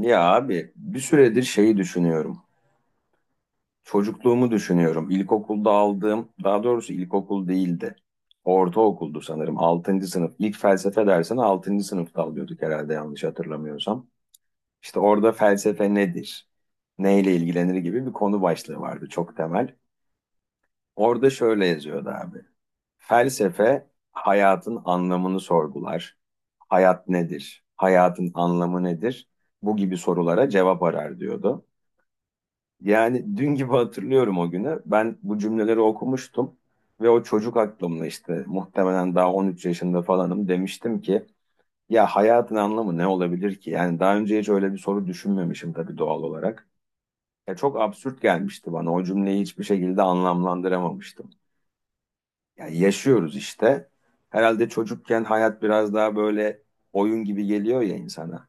Ya abi bir süredir şeyi düşünüyorum. Çocukluğumu düşünüyorum. İlkokulda aldığım, daha doğrusu ilkokul değildi. Ortaokuldu sanırım. Altıncı sınıf. İlk felsefe dersini altıncı sınıfta alıyorduk herhalde yanlış hatırlamıyorsam. İşte orada felsefe nedir? Neyle ilgilenir gibi bir konu başlığı vardı çok temel. Orada şöyle yazıyordu abi. Felsefe hayatın anlamını sorgular. Hayat nedir? Hayatın anlamı nedir? Bu gibi sorulara cevap arar diyordu. Yani dün gibi hatırlıyorum o günü. Ben bu cümleleri okumuştum ve o çocuk aklımla işte muhtemelen daha 13 yaşında falanım demiştim ki ya hayatın anlamı ne olabilir ki? Yani daha önce hiç öyle bir soru düşünmemişim tabii doğal olarak. Ya çok absürt gelmişti bana. O cümleyi hiçbir şekilde anlamlandıramamıştım. Yani yaşıyoruz işte. Herhalde çocukken hayat biraz daha böyle oyun gibi geliyor ya insana.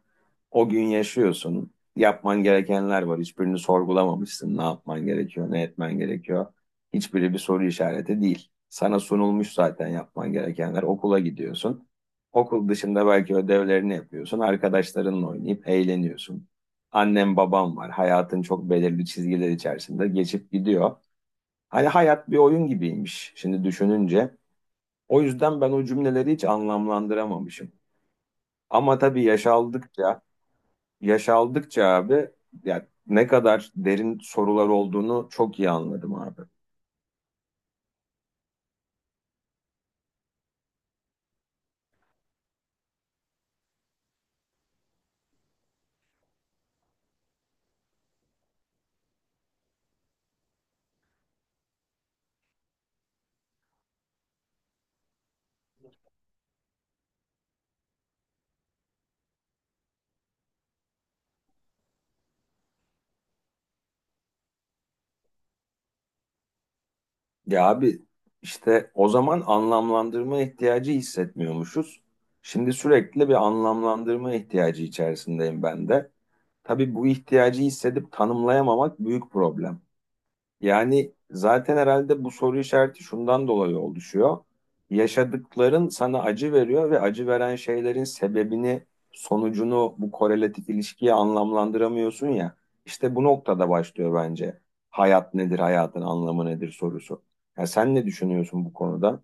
O gün yaşıyorsun. Yapman gerekenler var. Hiçbirini sorgulamamışsın. Ne yapman gerekiyor, ne etmen gerekiyor. Hiçbiri bir soru işareti değil. Sana sunulmuş zaten yapman gerekenler. Okula gidiyorsun. Okul dışında belki ödevlerini yapıyorsun. Arkadaşlarınla oynayıp eğleniyorsun. Annem babam var. Hayatın çok belirli çizgiler içerisinde geçip gidiyor. Hani hayat bir oyun gibiymiş. Şimdi düşününce o yüzden ben o cümleleri hiç anlamlandıramamışım. Ama tabii yaş aldıkça abi ya ne kadar derin sorular olduğunu çok iyi anladım abi. Ya abi işte o zaman anlamlandırma ihtiyacı hissetmiyormuşuz. Şimdi sürekli bir anlamlandırma ihtiyacı içerisindeyim ben de. Tabii bu ihtiyacı hissedip tanımlayamamak büyük problem. Yani zaten herhalde bu soru işareti şundan dolayı oluşuyor. Yaşadıkların sana acı veriyor ve acı veren şeylerin sebebini, sonucunu bu korelatif ilişkiye anlamlandıramıyorsun ya. İşte bu noktada başlıyor bence. Hayat nedir, hayatın anlamı nedir sorusu. Ya sen ne düşünüyorsun bu konuda?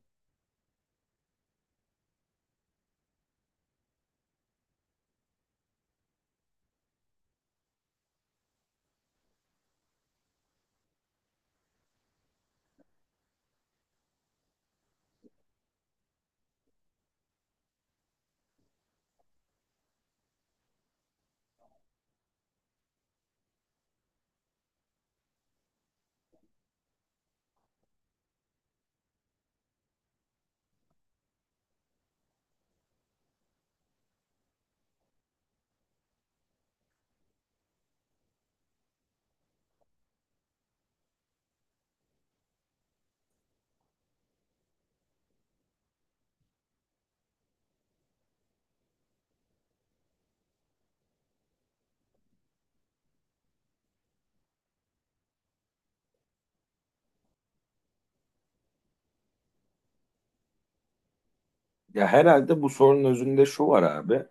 Ya herhalde bu sorunun özünde şu var abi.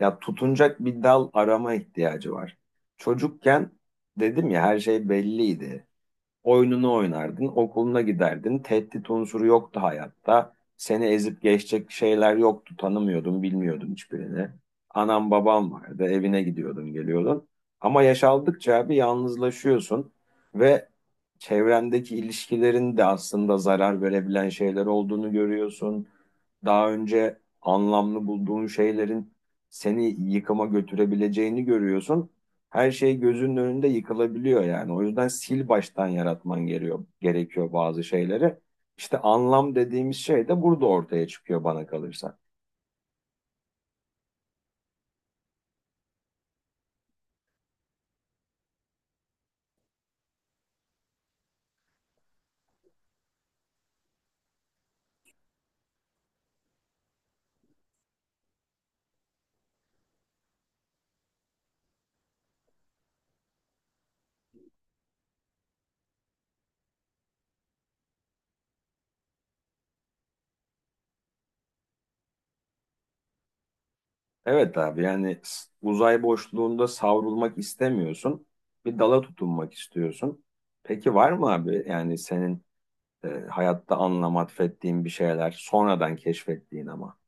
Ya tutunacak bir dal arama ihtiyacı var. Çocukken dedim ya her şey belliydi. Oyununu oynardın, okuluna giderdin. Tehdit unsuru yoktu hayatta. Seni ezip geçecek şeyler yoktu. Tanımıyordun, bilmiyordun hiçbirini. Anam babam vardı, evine gidiyordun, geliyordun. Ama yaş aldıkça bir yalnızlaşıyorsun ve çevrendeki ilişkilerin de aslında zarar verebilen şeyler olduğunu görüyorsun. Daha önce anlamlı bulduğun şeylerin seni yıkıma götürebileceğini görüyorsun, her şey gözünün önünde yıkılabiliyor yani. O yüzden sil baştan yaratman gerekiyor, bazı şeyleri. İşte anlam dediğimiz şey de burada ortaya çıkıyor bana kalırsa. Evet abi yani uzay boşluğunda savrulmak istemiyorsun. Bir dala tutunmak istiyorsun. Peki var mı abi yani senin hayatta anlam atfettiğin bir şeyler sonradan keşfettiğin ama?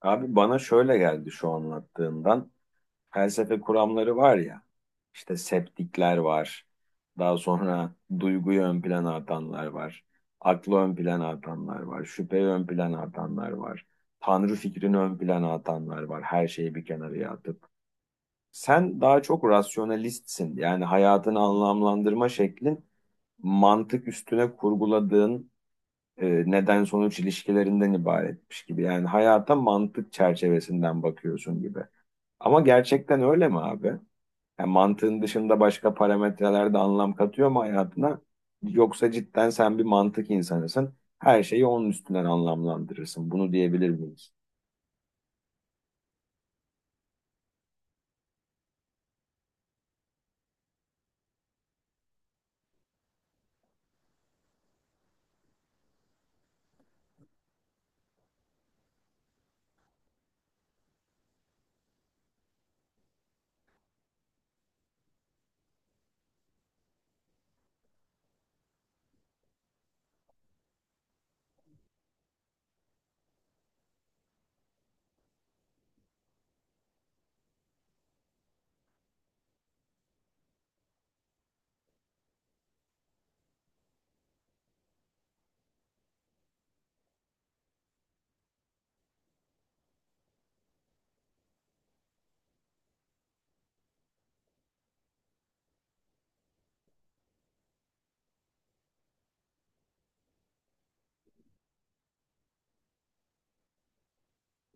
Abi bana şöyle geldi şu anlattığından. Felsefe kuramları var ya, işte septikler var, daha sonra duyguyu ön plana atanlar var, aklı ön plana atanlar var, şüpheyi ön plana atanlar var, tanrı fikrini ön plana atanlar var, her şeyi bir kenara atıp. Sen daha çok rasyonalistsin, yani hayatını anlamlandırma şeklin mantık üstüne kurguladığın neden sonuç ilişkilerinden ibaretmiş gibi. Yani hayata mantık çerçevesinden bakıyorsun gibi. Ama gerçekten öyle mi abi? Yani mantığın dışında başka parametreler de anlam katıyor mu hayatına? Yoksa cidden sen bir mantık insanısın. Her şeyi onun üstünden anlamlandırırsın. Bunu diyebilir miyiz?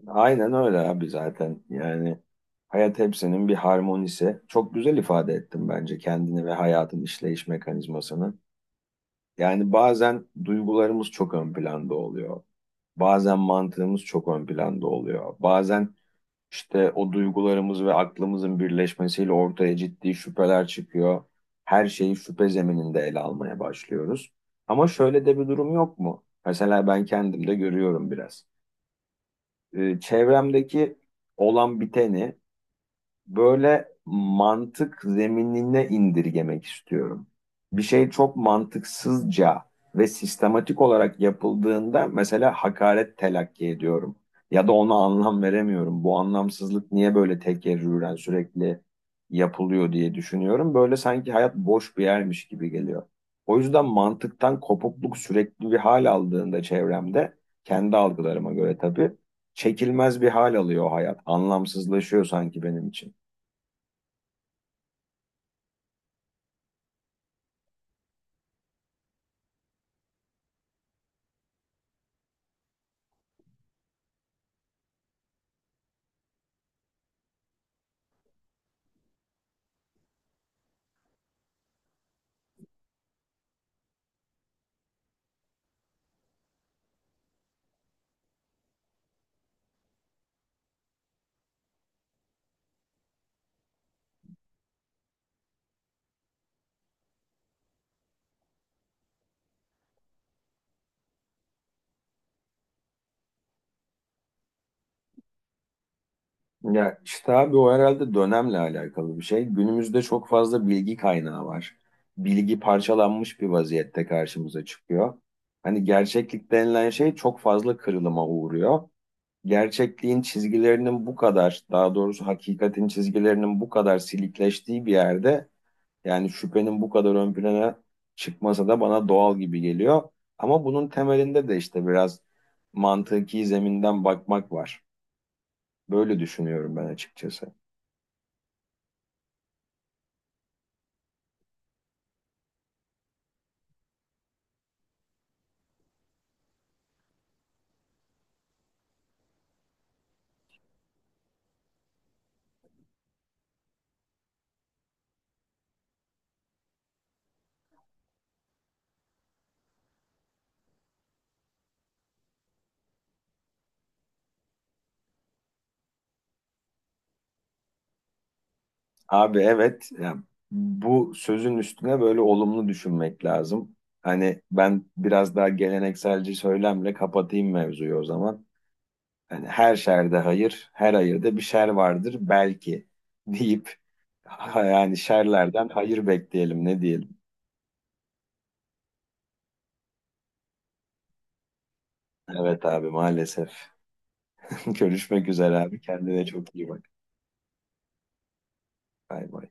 Aynen öyle abi zaten. Yani hayat hepsinin bir harmonisi. Çok güzel ifade ettim bence kendini ve hayatın işleyiş mekanizmasını. Yani bazen duygularımız çok ön planda oluyor. Bazen mantığımız çok ön planda oluyor. İşte o duygularımız ve aklımızın birleşmesiyle ortaya ciddi şüpheler çıkıyor. Her şeyi şüphe zemininde ele almaya başlıyoruz. Ama şöyle de bir durum yok mu? Mesela ben kendimde görüyorum biraz. Çevremdeki olan biteni böyle mantık zeminine indirgemek istiyorum. Bir şey çok mantıksızca ve sistematik olarak yapıldığında mesela hakaret telakki ediyorum. Ya da ona anlam veremiyorum. Bu anlamsızlık niye böyle tekerrüren sürekli yapılıyor diye düşünüyorum. Böyle sanki hayat boş bir yermiş gibi geliyor. O yüzden mantıktan kopukluk sürekli bir hal aldığında çevremde, kendi algılarıma göre tabii, çekilmez bir hal alıyor hayat. Anlamsızlaşıyor sanki benim için. Ya işte abi o herhalde dönemle alakalı bir şey. Günümüzde çok fazla bilgi kaynağı var. Bilgi parçalanmış bir vaziyette karşımıza çıkıyor. Hani gerçeklik denilen şey çok fazla kırılıma uğruyor. Gerçekliğin çizgilerinin bu kadar, daha doğrusu hakikatin çizgilerinin bu kadar silikleştiği bir yerde, yani şüphenin bu kadar ön plana çıkmasa da bana doğal gibi geliyor. Ama bunun temelinde de işte biraz mantıki zeminden bakmak var. Böyle düşünüyorum ben açıkçası. Abi evet yani bu sözün üstüne böyle olumlu düşünmek lazım. Hani ben biraz daha gelenekselci söylemle kapatayım mevzuyu o zaman. Hani her şerde hayır, her hayırda bir şer vardır belki deyip yani şerlerden hayır bekleyelim ne diyelim. Evet abi maalesef. Görüşmek üzere abi, kendine çok iyi bak. Bay bay.